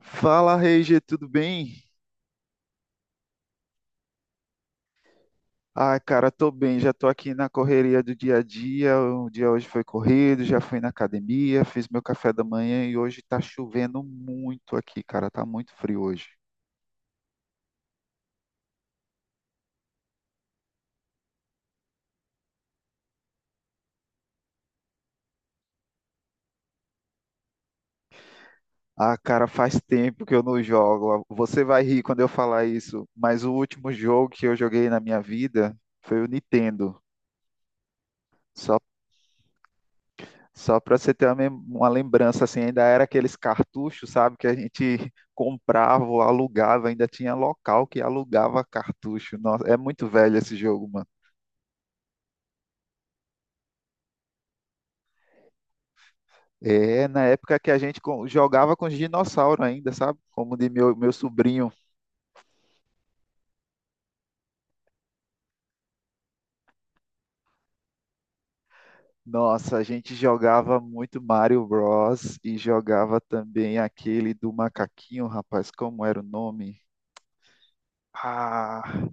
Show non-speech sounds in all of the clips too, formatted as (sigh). Fala, Reige, tudo bem? Ah, cara, tô bem, já tô aqui na correria do dia a dia. O dia hoje foi corrido, já fui na academia, fiz meu café da manhã e hoje tá chovendo muito aqui, cara, tá muito frio hoje. Ah, cara, faz tempo que eu não jogo. Você vai rir quando eu falar isso, mas o último jogo que eu joguei na minha vida foi o Nintendo. Só Só para você ter uma lembrança, assim, ainda era aqueles cartuchos, sabe, que a gente (laughs) comprava, ou alugava, ainda tinha local que alugava cartucho. Nossa, é muito velho esse jogo, mano. É na época que a gente jogava com os dinossauros ainda, sabe? Como de meu sobrinho. Nossa, a gente jogava muito Mario Bros. E jogava também aquele do macaquinho, rapaz, como era o nome? Ah.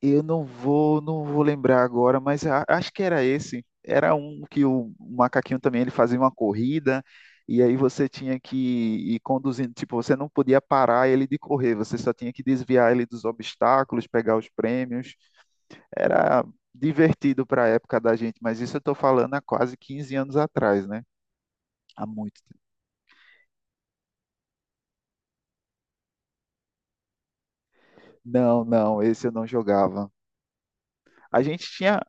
Eu não vou, não vou lembrar agora, mas acho que era esse. Era um que o macaquinho também ele fazia uma corrida e aí você tinha que ir conduzindo, tipo, você não podia parar ele de correr, você só tinha que desviar ele dos obstáculos, pegar os prêmios. Era divertido para a época da gente, mas isso eu estou falando há quase 15 anos atrás, né? Há muito tempo. Não, não, esse eu não jogava. A gente tinha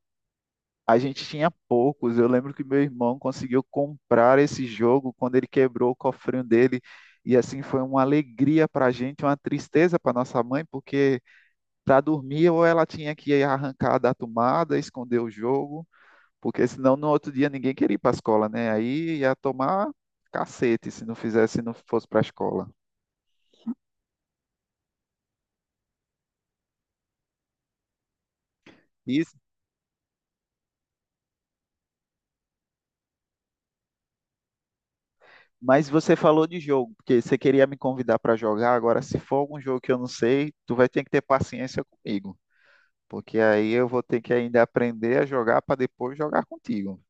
A gente tinha poucos. Eu lembro que meu irmão conseguiu comprar esse jogo quando ele quebrou o cofrinho dele. E assim foi uma alegria para a gente, uma tristeza para nossa mãe, porque para dormir ou ela tinha que arrancar da tomada, esconder o jogo, porque senão no outro dia ninguém queria ir para a escola, né? Aí ia tomar cacete se não fizesse, se não fosse para a escola. Isso. Mas você falou de jogo, porque você queria me convidar para jogar. Agora, se for algum jogo que eu não sei, tu vai ter que ter paciência comigo, porque aí eu vou ter que ainda aprender a jogar para depois jogar contigo.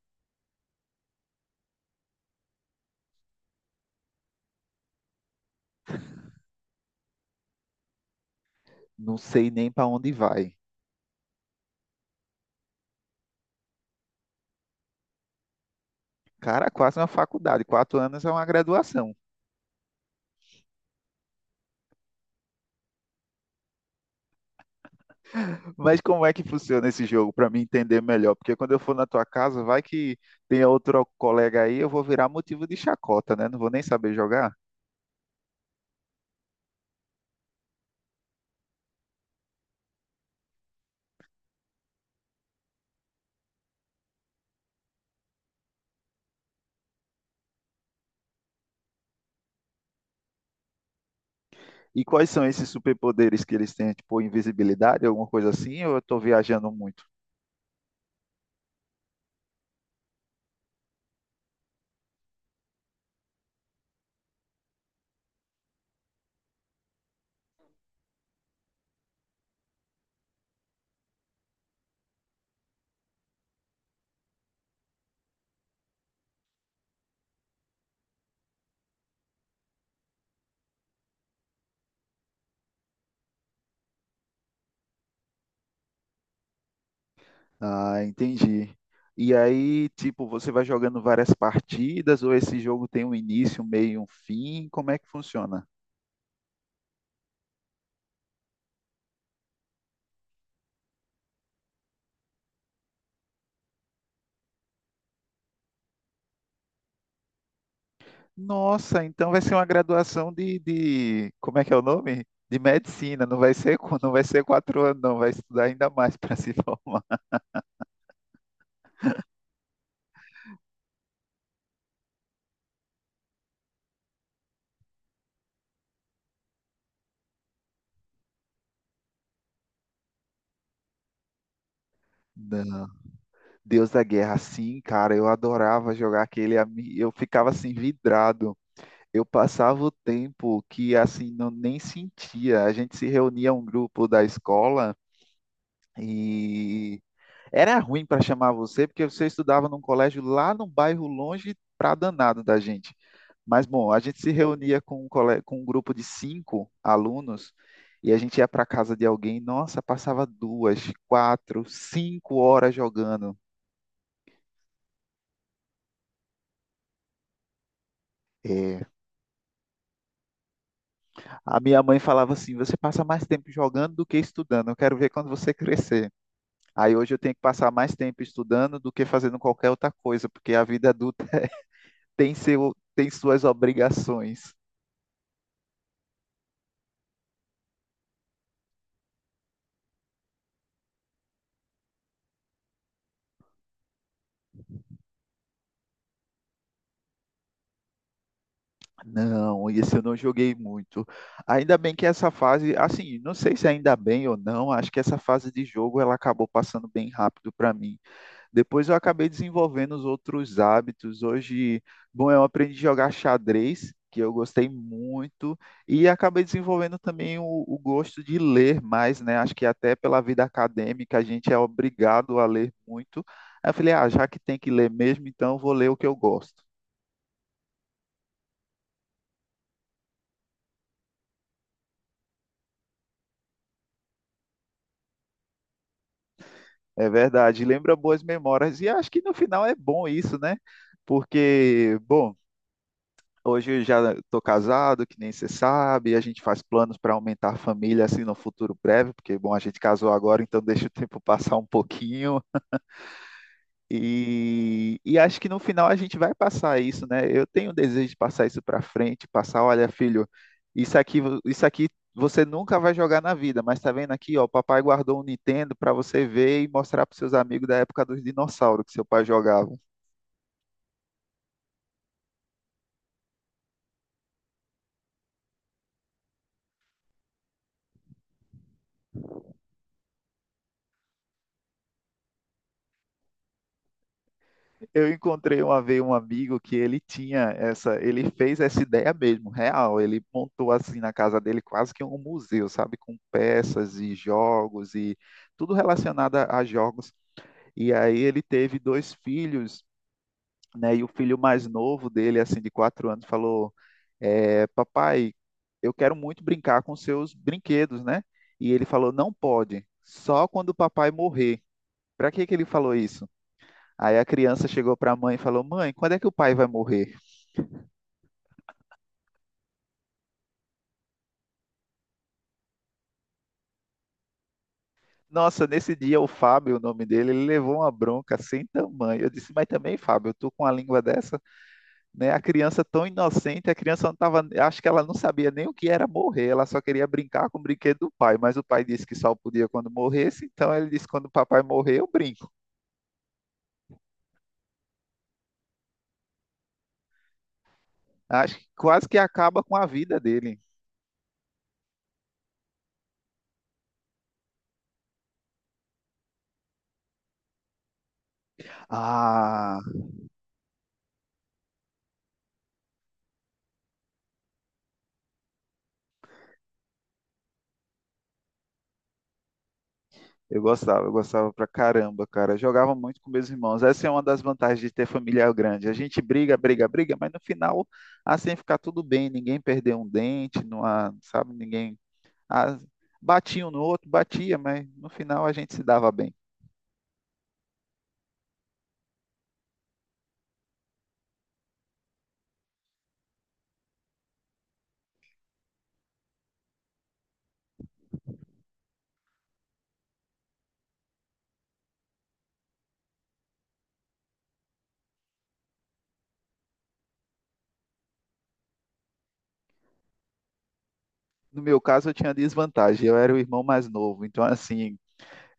Não sei nem para onde vai. Cara, quase uma faculdade, quatro anos é uma graduação. Mas como é que funciona esse jogo para mim entender melhor? Porque quando eu for na tua casa, vai que tem outro colega aí, eu vou virar motivo de chacota, né? Não vou nem saber jogar. E quais são esses superpoderes que eles têm? Tipo, invisibilidade, alguma coisa assim? Ou eu tô viajando muito? Ah, entendi. E aí, tipo, você vai jogando várias partidas ou esse jogo tem um início, um meio e um fim? Como é que funciona? Nossa, então vai ser uma graduação como é que é o nome? De medicina. Não vai ser, não vai ser quatro anos, não. Vai estudar ainda mais para se (laughs) formar. Não. Deus da Guerra, sim, cara. Eu adorava jogar aquele. Eu ficava assim vidrado. Eu passava o tempo que assim não nem sentia. A gente se reunia um grupo da escola. E era ruim para chamar você, porque você estudava num colégio lá num bairro longe pra danado da gente. Mas, bom, a gente se reunia com com um grupo de cinco alunos e a gente ia para casa de alguém. Nossa, passava duas, quatro, cinco horas jogando. É, a minha mãe falava assim: você passa mais tempo jogando do que estudando. Eu quero ver quando você crescer. Aí hoje eu tenho que passar mais tempo estudando do que fazendo qualquer outra coisa, porque a vida adulta (laughs) tem suas obrigações. Não, esse eu não joguei muito. Ainda bem que essa fase, assim, não sei se ainda bem ou não, acho que essa fase de jogo ela acabou passando bem rápido para mim. Depois eu acabei desenvolvendo os outros hábitos. Hoje, bom, eu aprendi a jogar xadrez, que eu gostei muito, e acabei desenvolvendo também o gosto de ler mais, né? Acho que até pela vida acadêmica a gente é obrigado a ler muito. Aí eu falei, ah, já que tem que ler mesmo, então eu vou ler o que eu gosto. É verdade, lembra boas memórias. E acho que no final é bom isso, né? Porque, bom, hoje eu já estou casado, que nem você sabe, a gente faz planos para aumentar a família assim no futuro breve, porque, bom, a gente casou agora, então deixa o tempo passar um pouquinho. E acho que no final a gente vai passar isso, né? Eu tenho o desejo de passar isso para frente, passar, olha, filho, isso aqui, isso aqui você nunca vai jogar na vida, mas tá vendo aqui, ó, o papai guardou um Nintendo para você ver e mostrar para seus amigos da época dos dinossauros que seu pai jogava. Eu encontrei uma vez um amigo que ele tinha essa, ele fez essa ideia mesmo, real. Ele montou assim na casa dele quase que um museu, sabe, com peças e jogos e tudo relacionado a jogos. E aí ele teve dois filhos, né? E o filho mais novo dele, assim, de quatro anos, falou: é, papai, eu quero muito brincar com seus brinquedos, né? E ele falou: não pode, só quando o papai morrer. Para que que ele falou isso? Aí a criança chegou para a mãe e falou: mãe, quando é que o pai vai morrer? Nossa, nesse dia o Fábio, o nome dele, ele levou uma bronca sem tamanho. Eu disse: mas também, Fábio, tu com a língua dessa? Né? A criança tão inocente, a criança não tava, acho que ela não sabia nem o que era morrer, ela só queria brincar com o brinquedo do pai, mas o pai disse que só podia quando morresse, então ele disse quando o papai morrer, eu brinco. Acho que quase que acaba com a vida dele. Ah, eu gostava pra caramba, cara. Eu jogava muito com meus irmãos. Essa é uma das vantagens de ter família grande. A gente briga, briga, briga, mas no final assim fica tudo bem, ninguém perdeu um dente, não há, sabe, ninguém ah, batia um no outro, batia, mas no final a gente se dava bem. No meu caso, eu tinha desvantagem. Eu era o irmão mais novo. Então, assim,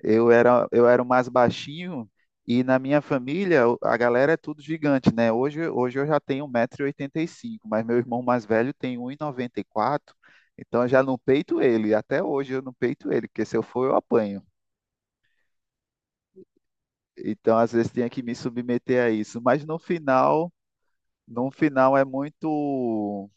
eu era o mais baixinho e na minha família a galera é tudo gigante, né? Hoje eu já tenho 1,85 m, mas meu irmão mais velho tem 1,94 m. Então, eu já não peito ele. Até hoje eu não peito ele, porque se eu for, eu apanho. Então, às vezes, tinha que me submeter a isso. Mas no final, no final é muito.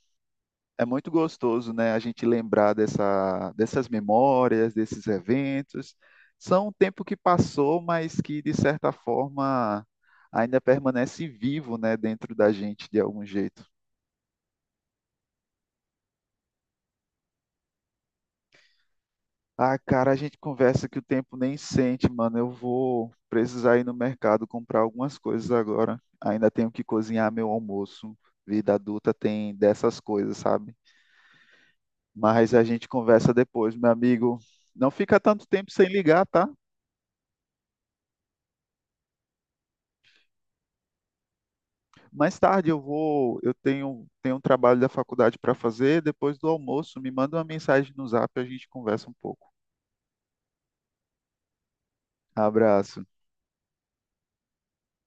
É muito gostoso, né, a gente lembrar dessas memórias, desses eventos. São um tempo que passou, mas que, de certa forma, ainda permanece vivo, né, dentro da gente de algum jeito. Ah, cara, a gente conversa que o tempo nem sente, mano. Eu vou precisar ir no mercado comprar algumas coisas agora. Ainda tenho que cozinhar meu almoço. Vida adulta tem dessas coisas, sabe? Mas a gente conversa depois, meu amigo. Não fica tanto tempo sem ligar, tá? Mais tarde eu vou, tenho um trabalho da faculdade para fazer, depois do almoço, me manda uma mensagem no Zap, a gente conversa um pouco. Abraço.